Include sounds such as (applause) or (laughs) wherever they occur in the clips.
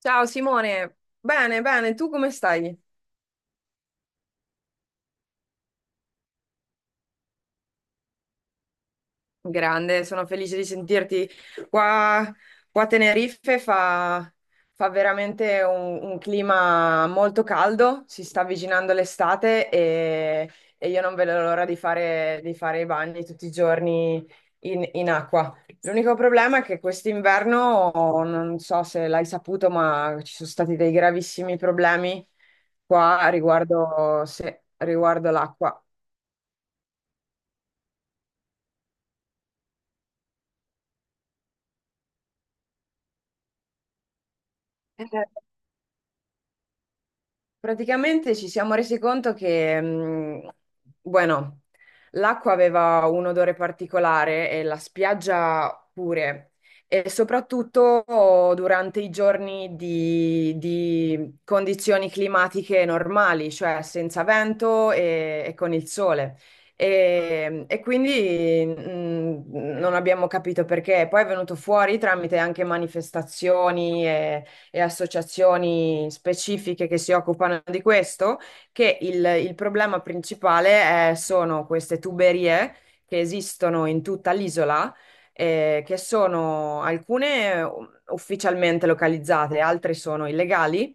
Ciao Simone, bene, bene, tu come stai? Grande, sono felice di sentirti. Qua, qua a Tenerife fa veramente un clima molto caldo, si sta avvicinando l'estate e io non vedo l'ora di di fare i bagni tutti i giorni in acqua. L'unico problema è che quest'inverno, non so se l'hai saputo, ma ci sono stati dei gravissimi problemi qua riguardo, se- riguardo l'acqua. Praticamente ci siamo resi conto che, bueno, l'acqua aveva un odore particolare e la spiaggia pure, e soprattutto durante i giorni di condizioni climatiche normali, cioè senza vento e con il sole. E quindi non abbiamo capito perché. Poi è venuto fuori tramite anche manifestazioni e associazioni specifiche che si occupano di questo, che il problema principale sono queste tuberie che esistono in tutta l'isola, che sono alcune ufficialmente localizzate, altre sono illegali,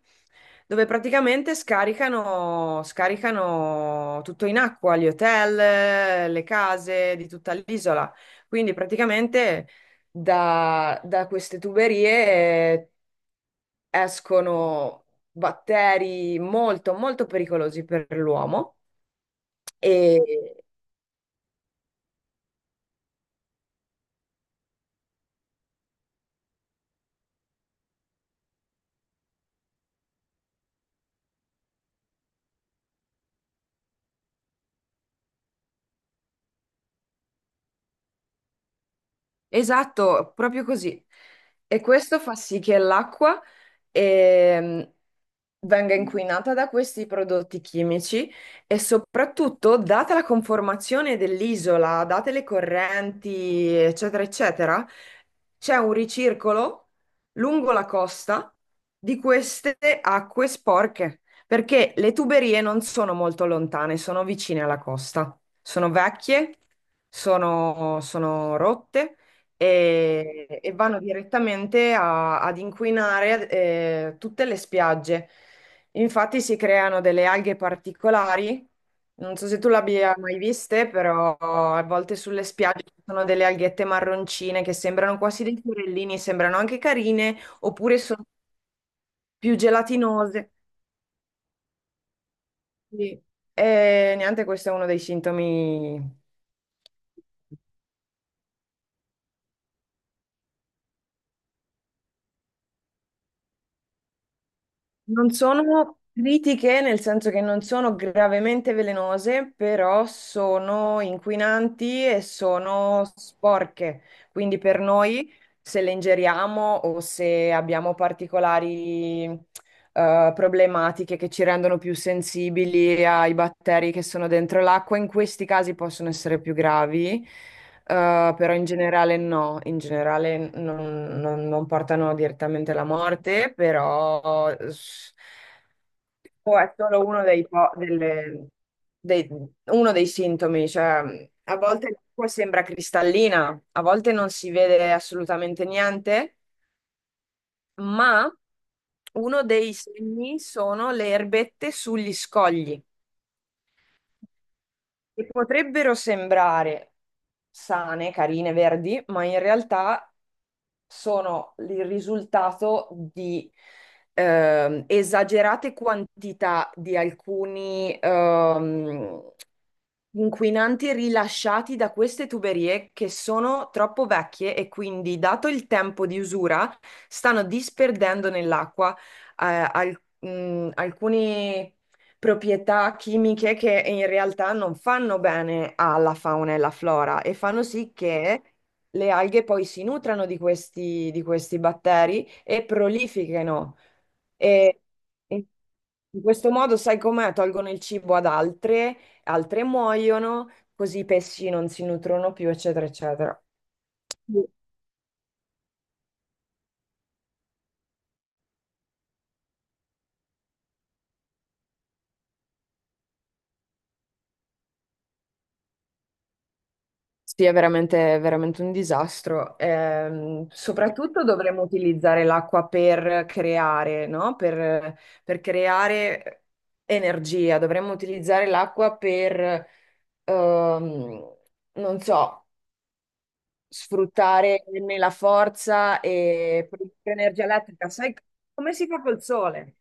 dove praticamente scaricano tutto in acqua, gli hotel, le case di tutta l'isola. Quindi praticamente da queste tuberie escono batteri molto pericolosi per l'uomo e, esatto, proprio così. E questo fa sì che l'acqua ehm, venga inquinata da questi prodotti chimici e soprattutto, data la conformazione dell'isola, date le correnti, eccetera, eccetera, c'è un ricircolo lungo la costa di queste acque sporche, perché le tuberie non sono molto lontane, sono vicine alla costa, sono vecchie, sono rotte e vanno direttamente ad inquinare tutte le spiagge. Infatti si creano delle alghe particolari, non so se tu l'abbia mai viste, però a volte sulle spiagge ci sono delle alghette marroncine che sembrano quasi dei fiorellini, sembrano anche carine, oppure sono più gelatinose. Sì. E niente, questo è uno dei sintomi. Non sono critiche, nel senso che non sono gravemente velenose, però sono inquinanti e sono sporche. Quindi per noi, se le ingeriamo o se abbiamo particolari problematiche che ci rendono più sensibili ai batteri che sono dentro l'acqua. In questi casi possono essere più gravi, però in generale no, in generale non portano direttamente alla morte, però è solo uno dei, po- delle- dei- uno dei sintomi, cioè a volte l'acqua sembra cristallina, a volte non si vede assolutamente niente, ma uno dei segni sono le erbette sugli scogli, che potrebbero sembrare sane, carine, verdi, ma in realtà sono il risultato di esagerate quantità di alcuni inquinanti rilasciati da queste tuberie che sono troppo vecchie e quindi, dato il tempo di usura, stanno disperdendo nell'acqua eh, alcune proprietà chimiche che in realtà non fanno bene alla fauna e alla flora e fanno sì che le alghe poi si nutrano di di questi batteri e prolifichino. E, e in questo modo, sai com'è? Tolgono il cibo ad altre, altre muoiono, così i pesci non si nutrono più, eccetera, eccetera. Sì, è è veramente un disastro. Soprattutto dovremmo utilizzare l'acqua per creare, no? Per creare energia. Dovremmo utilizzare l'acqua per, ehm, non so, sfruttare né la forza e produrre energia elettrica. Sai come si fa col sole?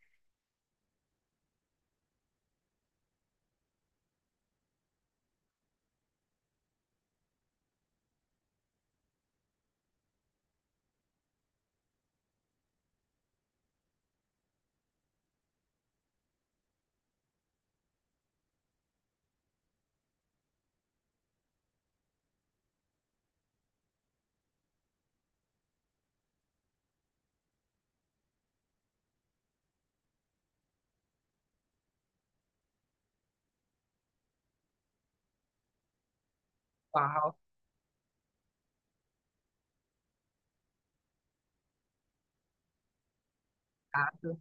Wow, cazzo.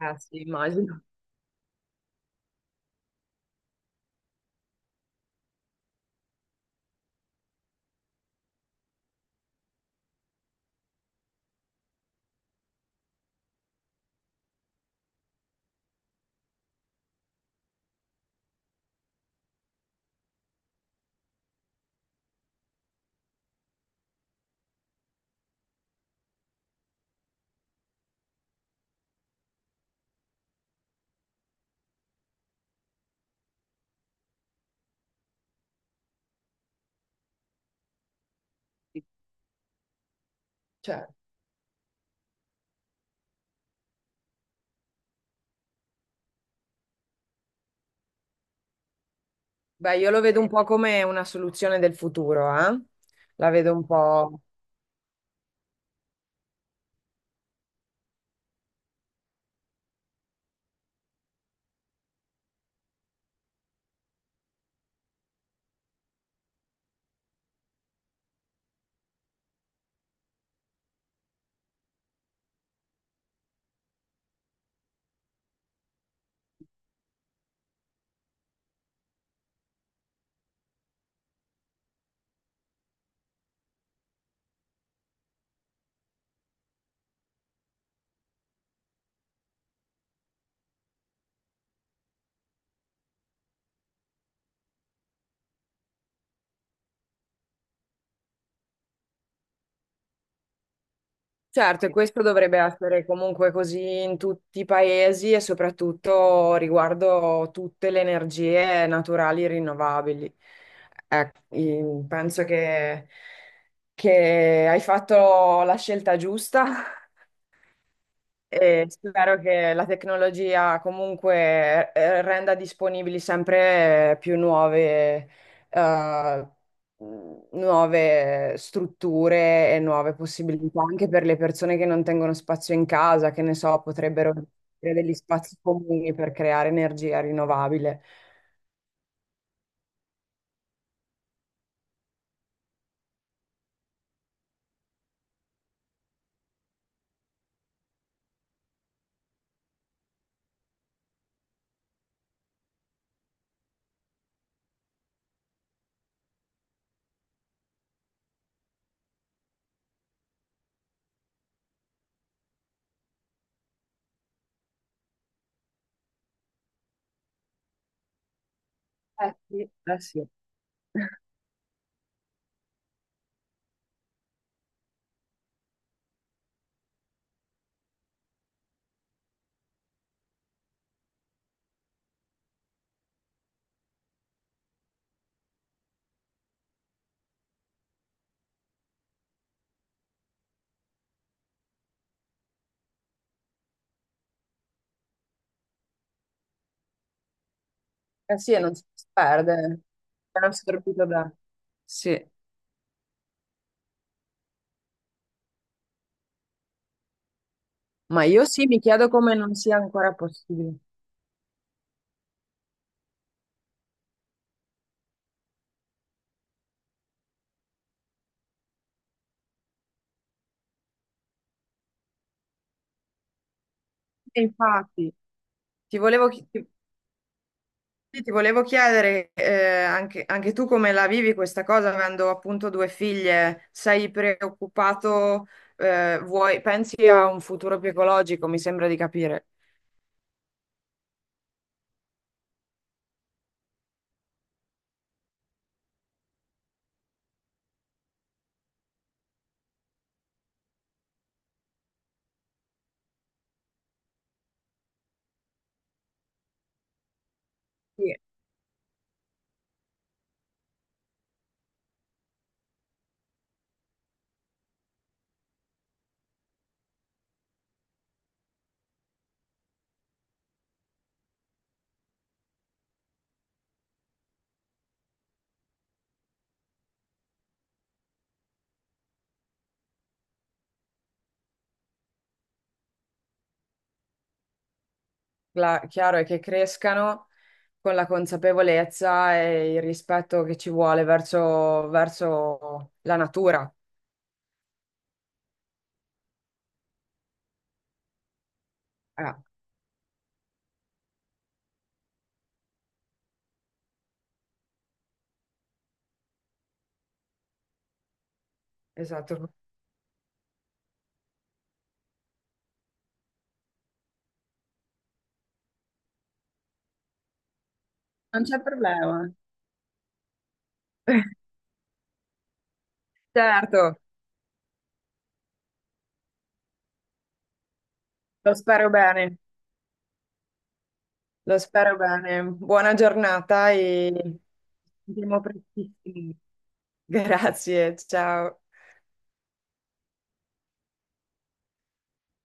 Eh sì, immagino. Cioè, beh, io lo vedo un po' come una soluzione del futuro, eh? La vedo un po'. Certo, e questo dovrebbe essere comunque così in tutti i paesi e soprattutto riguardo tutte le energie naturali rinnovabili. Ecco, penso che hai fatto la scelta giusta e spero che la tecnologia comunque renda disponibili sempre più eh, nuove strutture e nuove possibilità anche per le persone che non tengono spazio in casa, che ne so, potrebbero avere degli spazi comuni per creare energia rinnovabile. Eh sì, eh sì, eh sì, e non si perde, è assorbito da... Sì, ma io sì, mi chiedo come non sia ancora possibile. E infatti, Ti volevo, chi- ti- sì, ti volevo chiedere anche tu come la vivi questa cosa, avendo appunto due figlie, sei preoccupato, pensi a un futuro più ecologico, mi sembra di capire. Sì, chiaro è che crescano con la consapevolezza e il rispetto che ci vuole verso, verso la natura. Ah, esatto. Non c'è problema. (laughs) Certo, lo spero bene. Lo spero bene. Buona giornata e ci vediamo prestissimo. (laughs) Grazie, ciao.